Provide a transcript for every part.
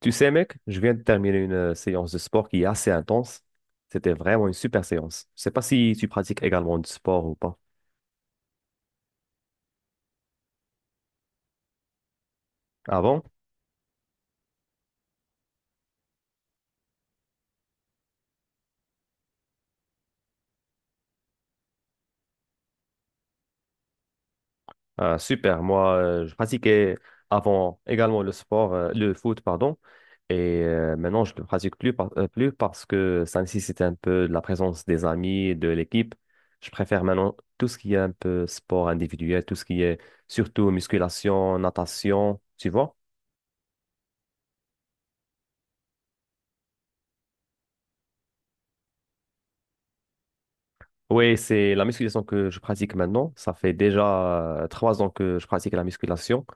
Tu sais, mec, je viens de terminer une séance de sport qui est assez intense. C'était vraiment une super séance. Je sais pas si tu pratiques également du sport ou pas. Ah bon? Ah, super. Moi, je pratiquais avant également le sport, le foot, pardon. Et maintenant, je ne le pratique plus, plus parce que ça nécessite un peu de la présence des amis, de l'équipe. Je préfère maintenant tout ce qui est un peu sport individuel, tout ce qui est surtout musculation, natation, tu vois? Oui, c'est la musculation que je pratique maintenant. Ça fait déjà trois ans que je pratique la musculation.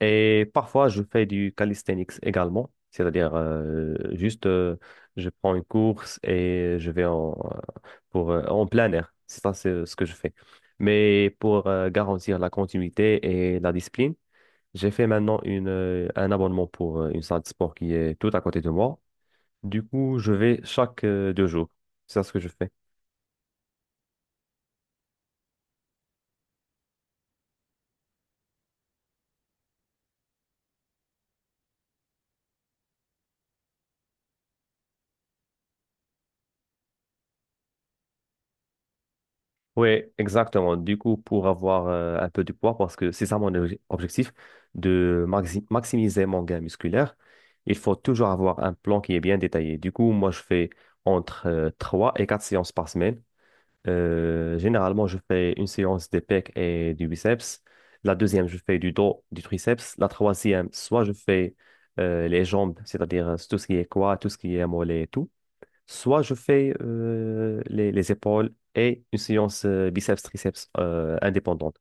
Et parfois, je fais du calisthenics également. C'est-à-dire, juste, je prends une course et je vais en plein air. C'est ça, c'est ce que je fais. Mais pour garantir la continuité et la discipline, j'ai fait maintenant un abonnement pour une salle de sport qui est tout à côté de moi. Du coup, je vais chaque deux jours. C'est ça ce que je fais. Oui, exactement. Du coup, pour avoir un peu du poids, parce que c'est ça mon objectif, de maximiser mon gain musculaire, il faut toujours avoir un plan qui est bien détaillé. Du coup, moi, je fais entre 3 et 4 séances par semaine. Généralement, je fais une séance des pecs et du biceps. La deuxième, je fais du dos, du triceps. La troisième, soit je fais les jambes, c'est-à-dire tout ce qui est quoi, tout ce qui est mollet et tout. Soit je fais les épaules et une séance biceps-triceps indépendante.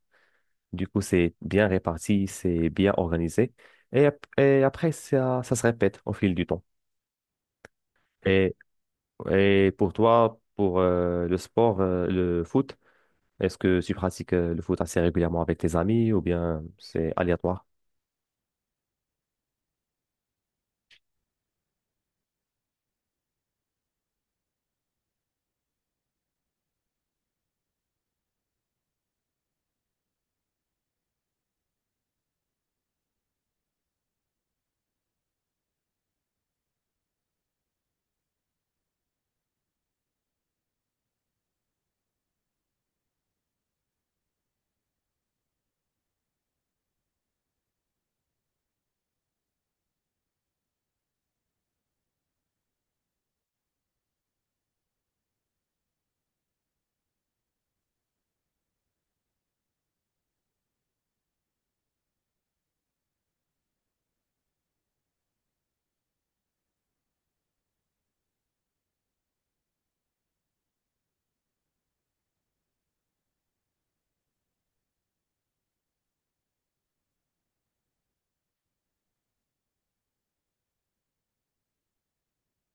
Du coup, c'est bien réparti, c'est bien organisé. Et après, ça se répète au fil du temps. Et, et pour toi, pour le sport, le foot, est-ce que tu pratiques le foot assez régulièrement avec tes amis ou bien c'est aléatoire?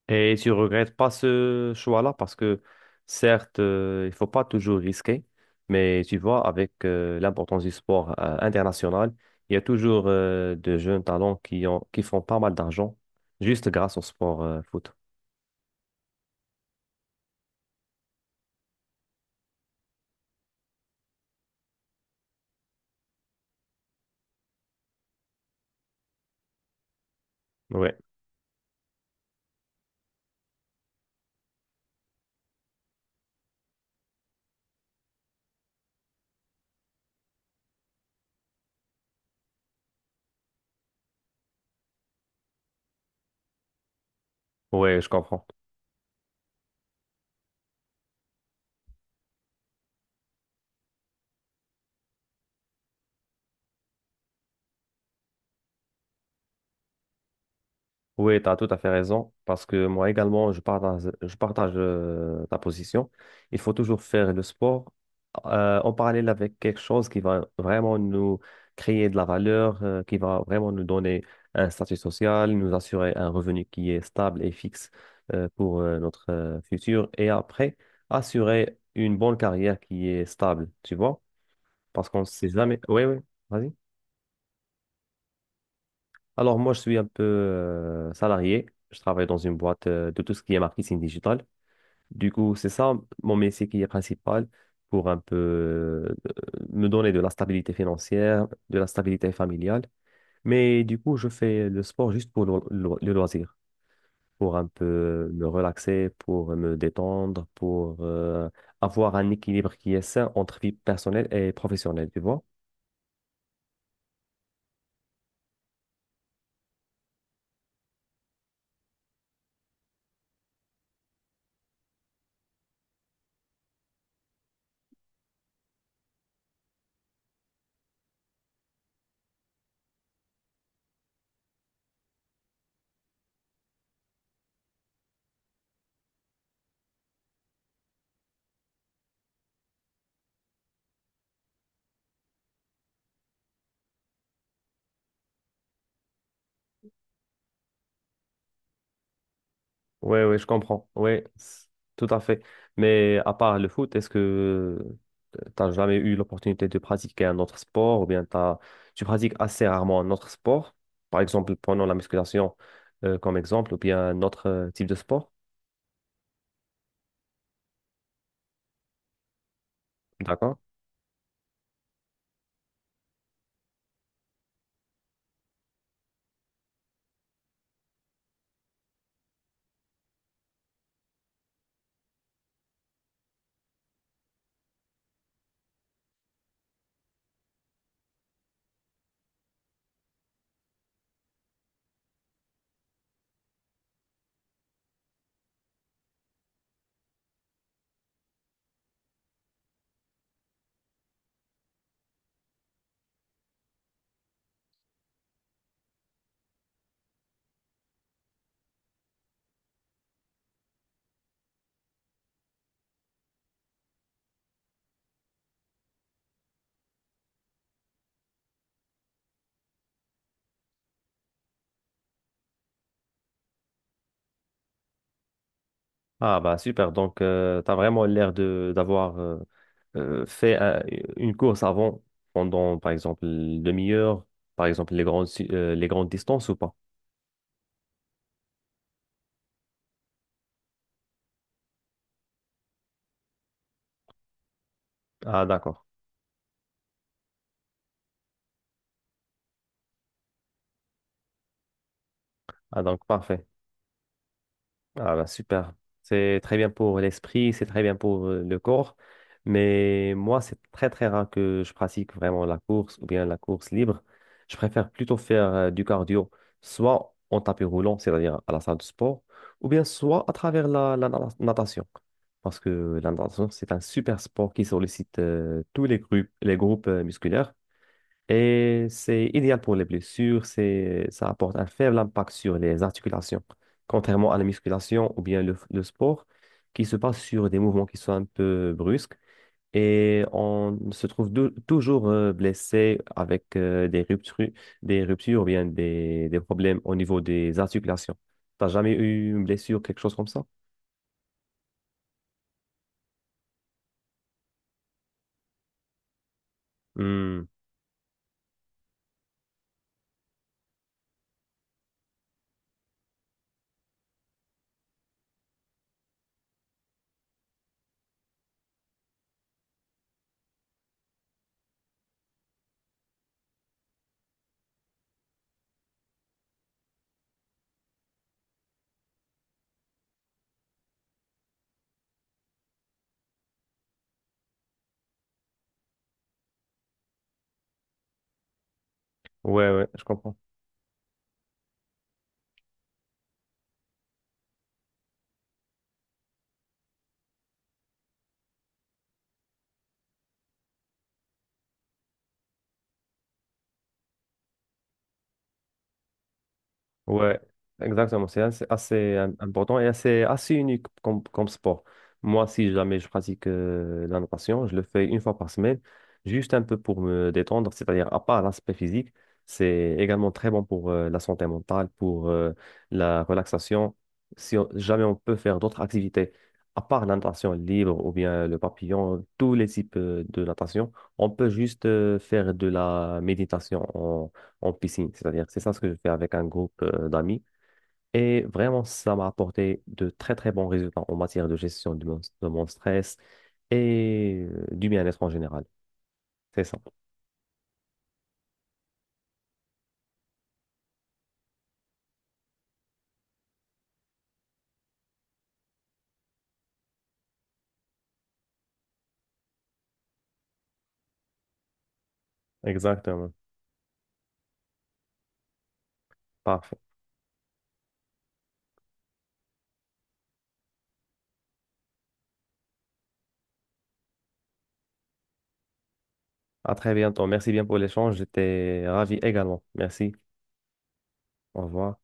Et tu regrettes pas ce choix-là parce que certes, il faut pas toujours risquer, mais tu vois, avec l'importance du sport international, il y a toujours de jeunes talents qui font pas mal d'argent juste grâce au sport foot. Ouais, ouais, je comprends. Oui, tu as tout à fait raison, parce que moi également, je partage ta position. Il faut toujours faire le sport en parallèle avec quelque chose qui va vraiment nous créer de la valeur, qui va vraiment nous donner un statut social, nous assurer un revenu qui est stable et fixe pour notre futur, et après, assurer une bonne carrière qui est stable, tu vois? Parce qu'on ne sait jamais. Oui, oui, vas-y. Alors moi, je suis un peu salarié. Je travaille dans une boîte de tout ce qui est marketing digital. Du coup, c'est ça mon métier qui est principal pour un peu me donner de la stabilité financière, de la stabilité familiale. Mais du coup, je fais le sport juste pour le loisir, pour un peu me relaxer, pour me détendre, pour avoir un équilibre qui est sain entre vie personnelle et professionnelle, tu vois. Ouais, ouais, je comprends. Ouais, tout à fait. Mais à part le foot, est-ce que t'as jamais eu l'opportunité de pratiquer un autre sport ou bien tu pratiques assez rarement un autre sport? Par exemple, prenons la musculation comme exemple ou bien un autre type de sport. D'accord? Ah bah super. Donc, tu as vraiment l'air de d'avoir euh, fait un- une course avant pendant, par exemple, une demi-heure, par exemple, les grandes distances ou pas? Ah d'accord. Ah donc, parfait. Ah bah super. C'est très bien pour l'esprit, c'est très bien pour le corps. Mais moi, c'est très très rare que je pratique vraiment la course ou bien la course libre. Je préfère plutôt faire du cardio, soit en tapis roulant, c'est-à-dire à la salle de sport, ou bien soit à travers natation. Parce que la natation, c'est un super sport qui sollicite les groupes musculaires. Et c'est idéal pour les blessures, ça apporte un faible impact sur les articulations, contrairement à la musculation ou bien le sport, qui se passe sur des mouvements qui sont un peu brusques. Et on se trouve toujours blessé avec des ruptures ou bien des problèmes au niveau des articulations. T'as jamais eu une blessure, quelque chose comme ça? Hmm. Ouais, ouais, je comprends. Ouais, exactement. C'est assez important et assez unique comme sport. Moi, si jamais je pratique la natation, je le fais une fois par semaine, juste un peu pour me détendre, c'est-à-dire à part l'aspect physique, c'est également très bon pour la santé mentale, pour la relaxation. Si jamais on peut faire d'autres activités, à part la natation libre ou bien le papillon, tous les types de natation, on peut juste faire de la méditation en piscine. C'est-à-dire, c'est ça ce que je fais avec un groupe d'amis. Et vraiment, ça m'a apporté de très, très bons résultats en matière de gestion de mon stress et du bien-être en général. C'est ça. Exactement. Parfait. À très bientôt. Merci bien pour l'échange. J'étais ravi également. Merci. Au revoir.